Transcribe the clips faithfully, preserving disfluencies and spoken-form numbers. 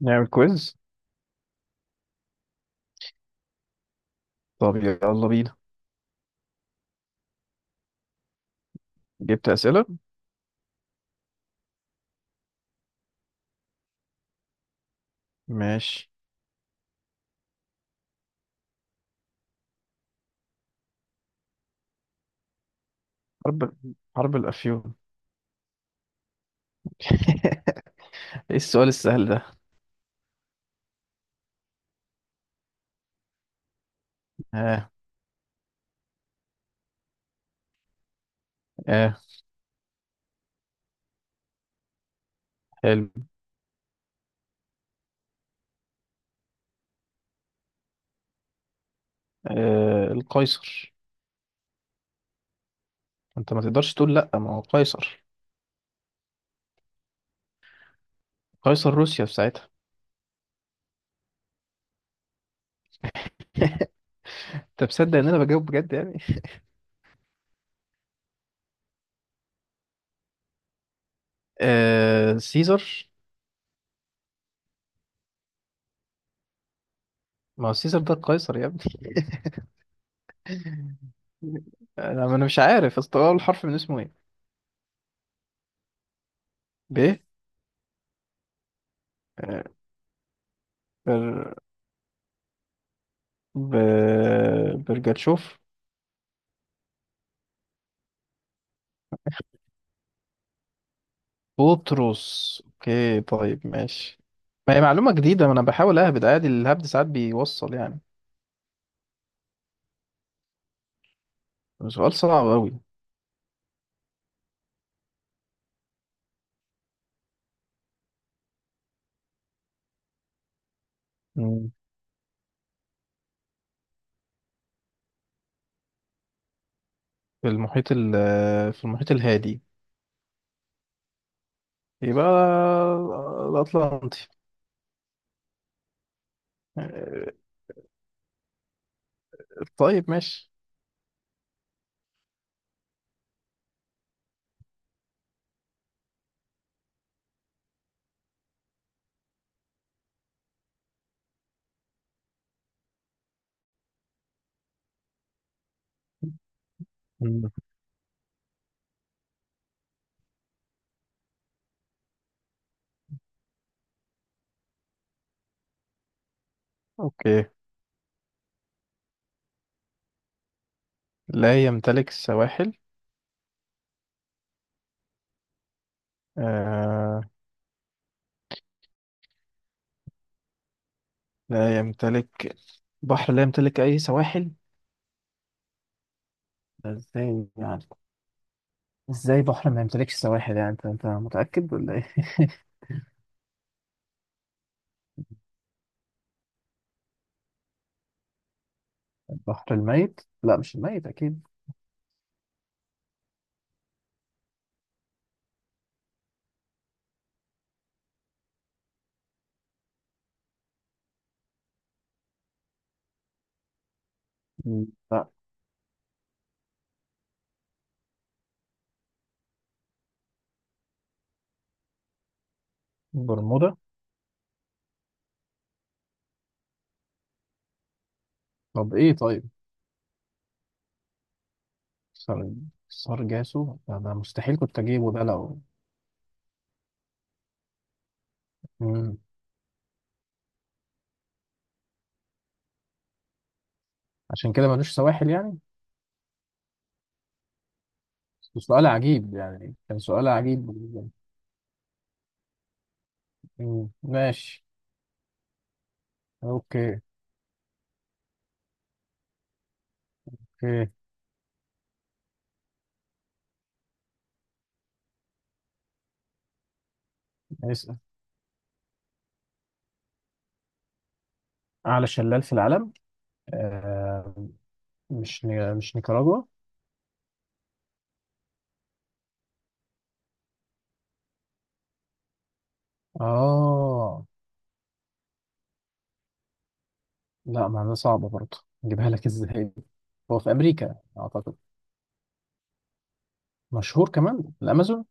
نعمل كويز. طب يلا بينا. جبت أسئلة. ماشي. حرب، حرب الأفيون. ايه السؤال السهل ده؟ اه. اه. حلو. آه القيصر. انت ما تقدرش تقول لا، ما هو قيصر. قيصر روسيا في ساعتها. انت مصدق ان انا بجاوب بجد يعني؟ آه سيزر. ما هو سيزر ده القيصر يا ابني. انا، ما انا مش عارف، اصل هو الحرف من اسمه ايه؟ ب. آه، بر، ب، برجاتشوف. بطرس، اوكي طيب ماشي. ما هي معلومة جديدة، ما انا بحاول اهبد عادي، الهبد ساعات بيوصل يعني. سؤال صعب قوي. في المحيط ال، في المحيط الهادي. يبقى الأطلنطي. آه، طيب ماشي. مم. اوكي. لا يمتلك السواحل. آه لا يمتلك، بحر لا يمتلك اي سواحل. ده ازاي يعني؟ ازاي بحر ما يمتلكش سواحل يعني؟ انت انت متأكد ولا ايه؟ البحر الميت. لا مش الميت اكيد. لا برمودا. طب ايه طيب؟ سر... سرجاسو ده، ده مستحيل كنت اجيبه ده لو. مم. عشان كده ملوش سواحل يعني. بس سؤال عجيب يعني، كان سؤال عجيب بالنسبة لي. مم. ماشي. اوكي. اوكي. اسأل. اعلى شلال في العالم. آه... مش ني... مش نيكاراجوا. اه. لا معناها صعبة برضه، نجيبها لك ازاي؟ هو في امريكا اعتقد. مشهور كمان الامازون.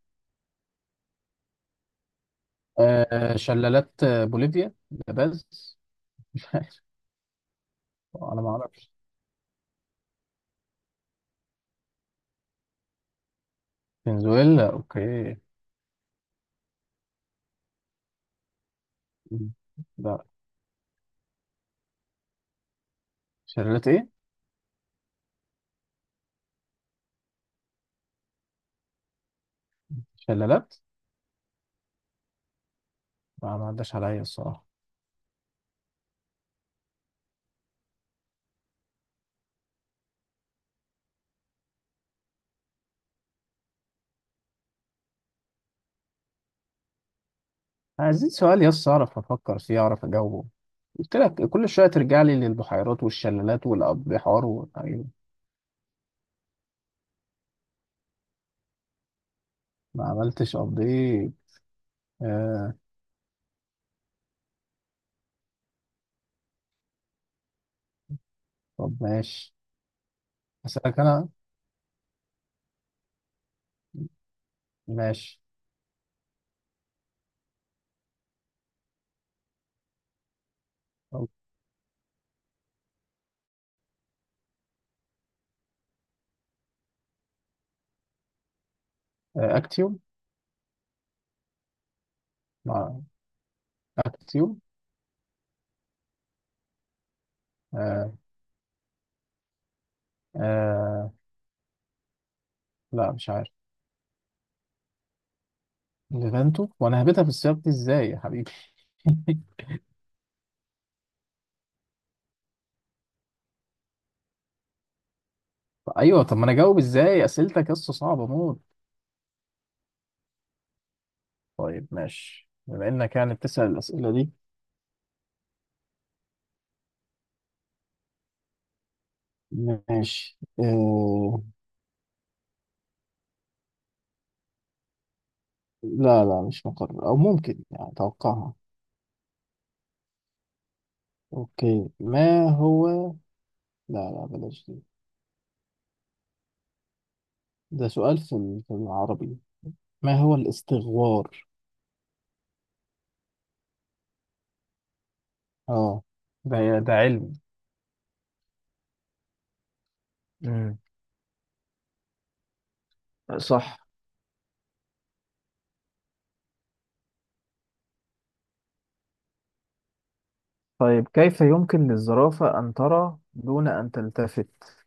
آه... شلالات، آه، بوليفيا لاباز. انا ما اعرفش. فنزويلا اوكي. مم. لا. شلالات ايه؟ شلالات. لا، ما عداش عليا الصراحه. عايزين سؤال يس اعرف افكر فيه، اعرف اجاوبه. قلت لك كل شويه ترجع لي للبحيرات والشلالات والابحار والحاجات. ما عملتش ابديت. آه. طب ماشي. اسالك انا. ماشي. طب، آه. اكتيوم. ما اكتيوم. آه. آه. لا مش عارف. ليفانتو، وانا هبتها في السياق دي ازاي يا حبيبي؟ ايوه، طب ما انا اجاوب ازاي اسئلتك يا اسطى؟ صعبه موت. طيب ماشي، بما انك يعني بتسال الاسئله دي. ماشي إيه... لا لا مش مقرر، او ممكن يعني اتوقعها. اوكي، ما هو، لا لا بلاش دي. ده سؤال في ال- في العربي. ما هو الاستغوار؟ اه. ده، ده علم. مم. صح. طيب، كيف يمكن للزرافة أن ترى دون أن تلتفت؟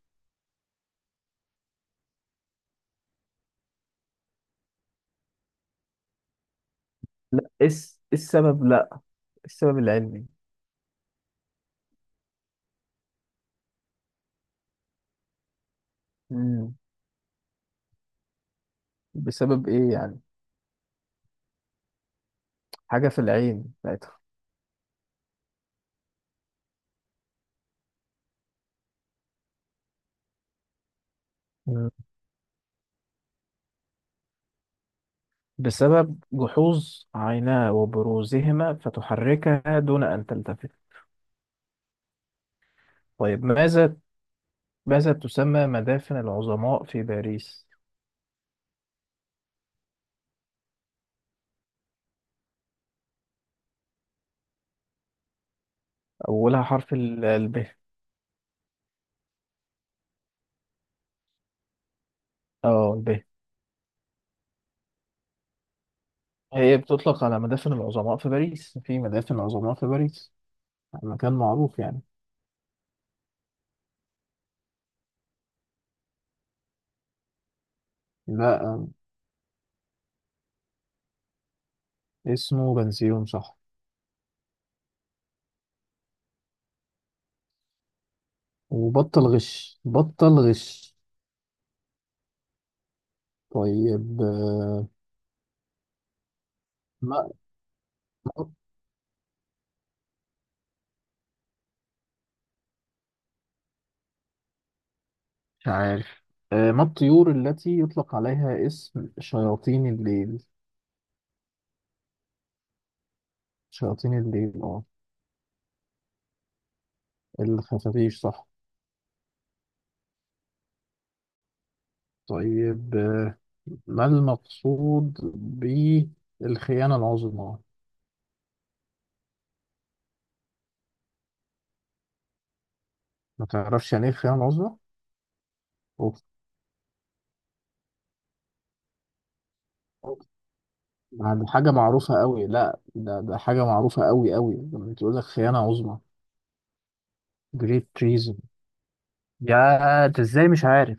لا، إيه الس- إيه السبب؟ لا، السبب العلمي. مم. بسبب إيه يعني؟ حاجة في العين بتاعتها. مم. بسبب جحوظ عيناه وبروزهما فتحركها دون أن تلتفت. طيب ماذا، ماذا تسمى مدافن العظماء في باريس؟ أولها حرف ال ال ب. اه ال ب. هي بتطلق على مدافن العظماء في باريس، في مدافن عظماء في باريس، مكان معروف يعني. لا، اسمه بنسيون صح. وبطل غش، بطل غش. طيب، آه، ما مش عارف. آه، ما الطيور التي يطلق عليها اسم شياطين الليل؟ شياطين الليل اه. الخفافيش صح. طيب، آه، ما المقصود بالخيانة العظمى؟ ما تعرفش يعني ايه الخيانة العظمى؟ أوف. يعني حاجة معروفة قوي، لا ده، ده حاجة معروفة قوي قوي، لما تقول لك خيانة عظمى. Great treason. يا انت ازاي مش عارف؟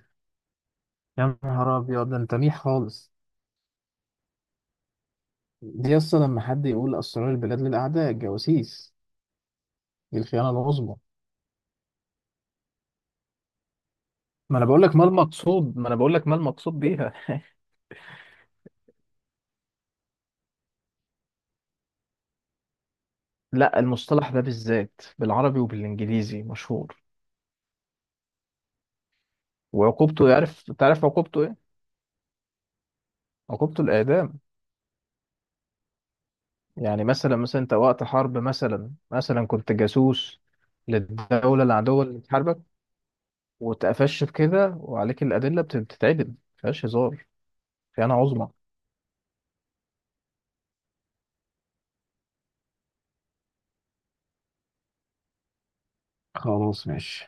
يا نهار ابيض، ده انت ميح خالص. دي اصلا لما حد يقول اسرار البلاد للاعداء، الجواسيس، دي الخيانة العظمى. ما انا بقول لك ما المقصود، ما انا بقول لك ما المقصود بيها. لا، المصطلح ده بالذات بالعربي وبالانجليزي مشهور. وعقوبته، يعرف، تعرف عقوبته ايه؟ عقوبته الاعدام. يعني مثلا، مثلا انت وقت حرب، مثلا مثلا كنت جاسوس للدولة العدوة اللي بتحاربك، واتقفشت في كده وعليك الأدلة، بت- بتتعدم مفيهاش هزار. خيانة عظمى. خلاص ماشي.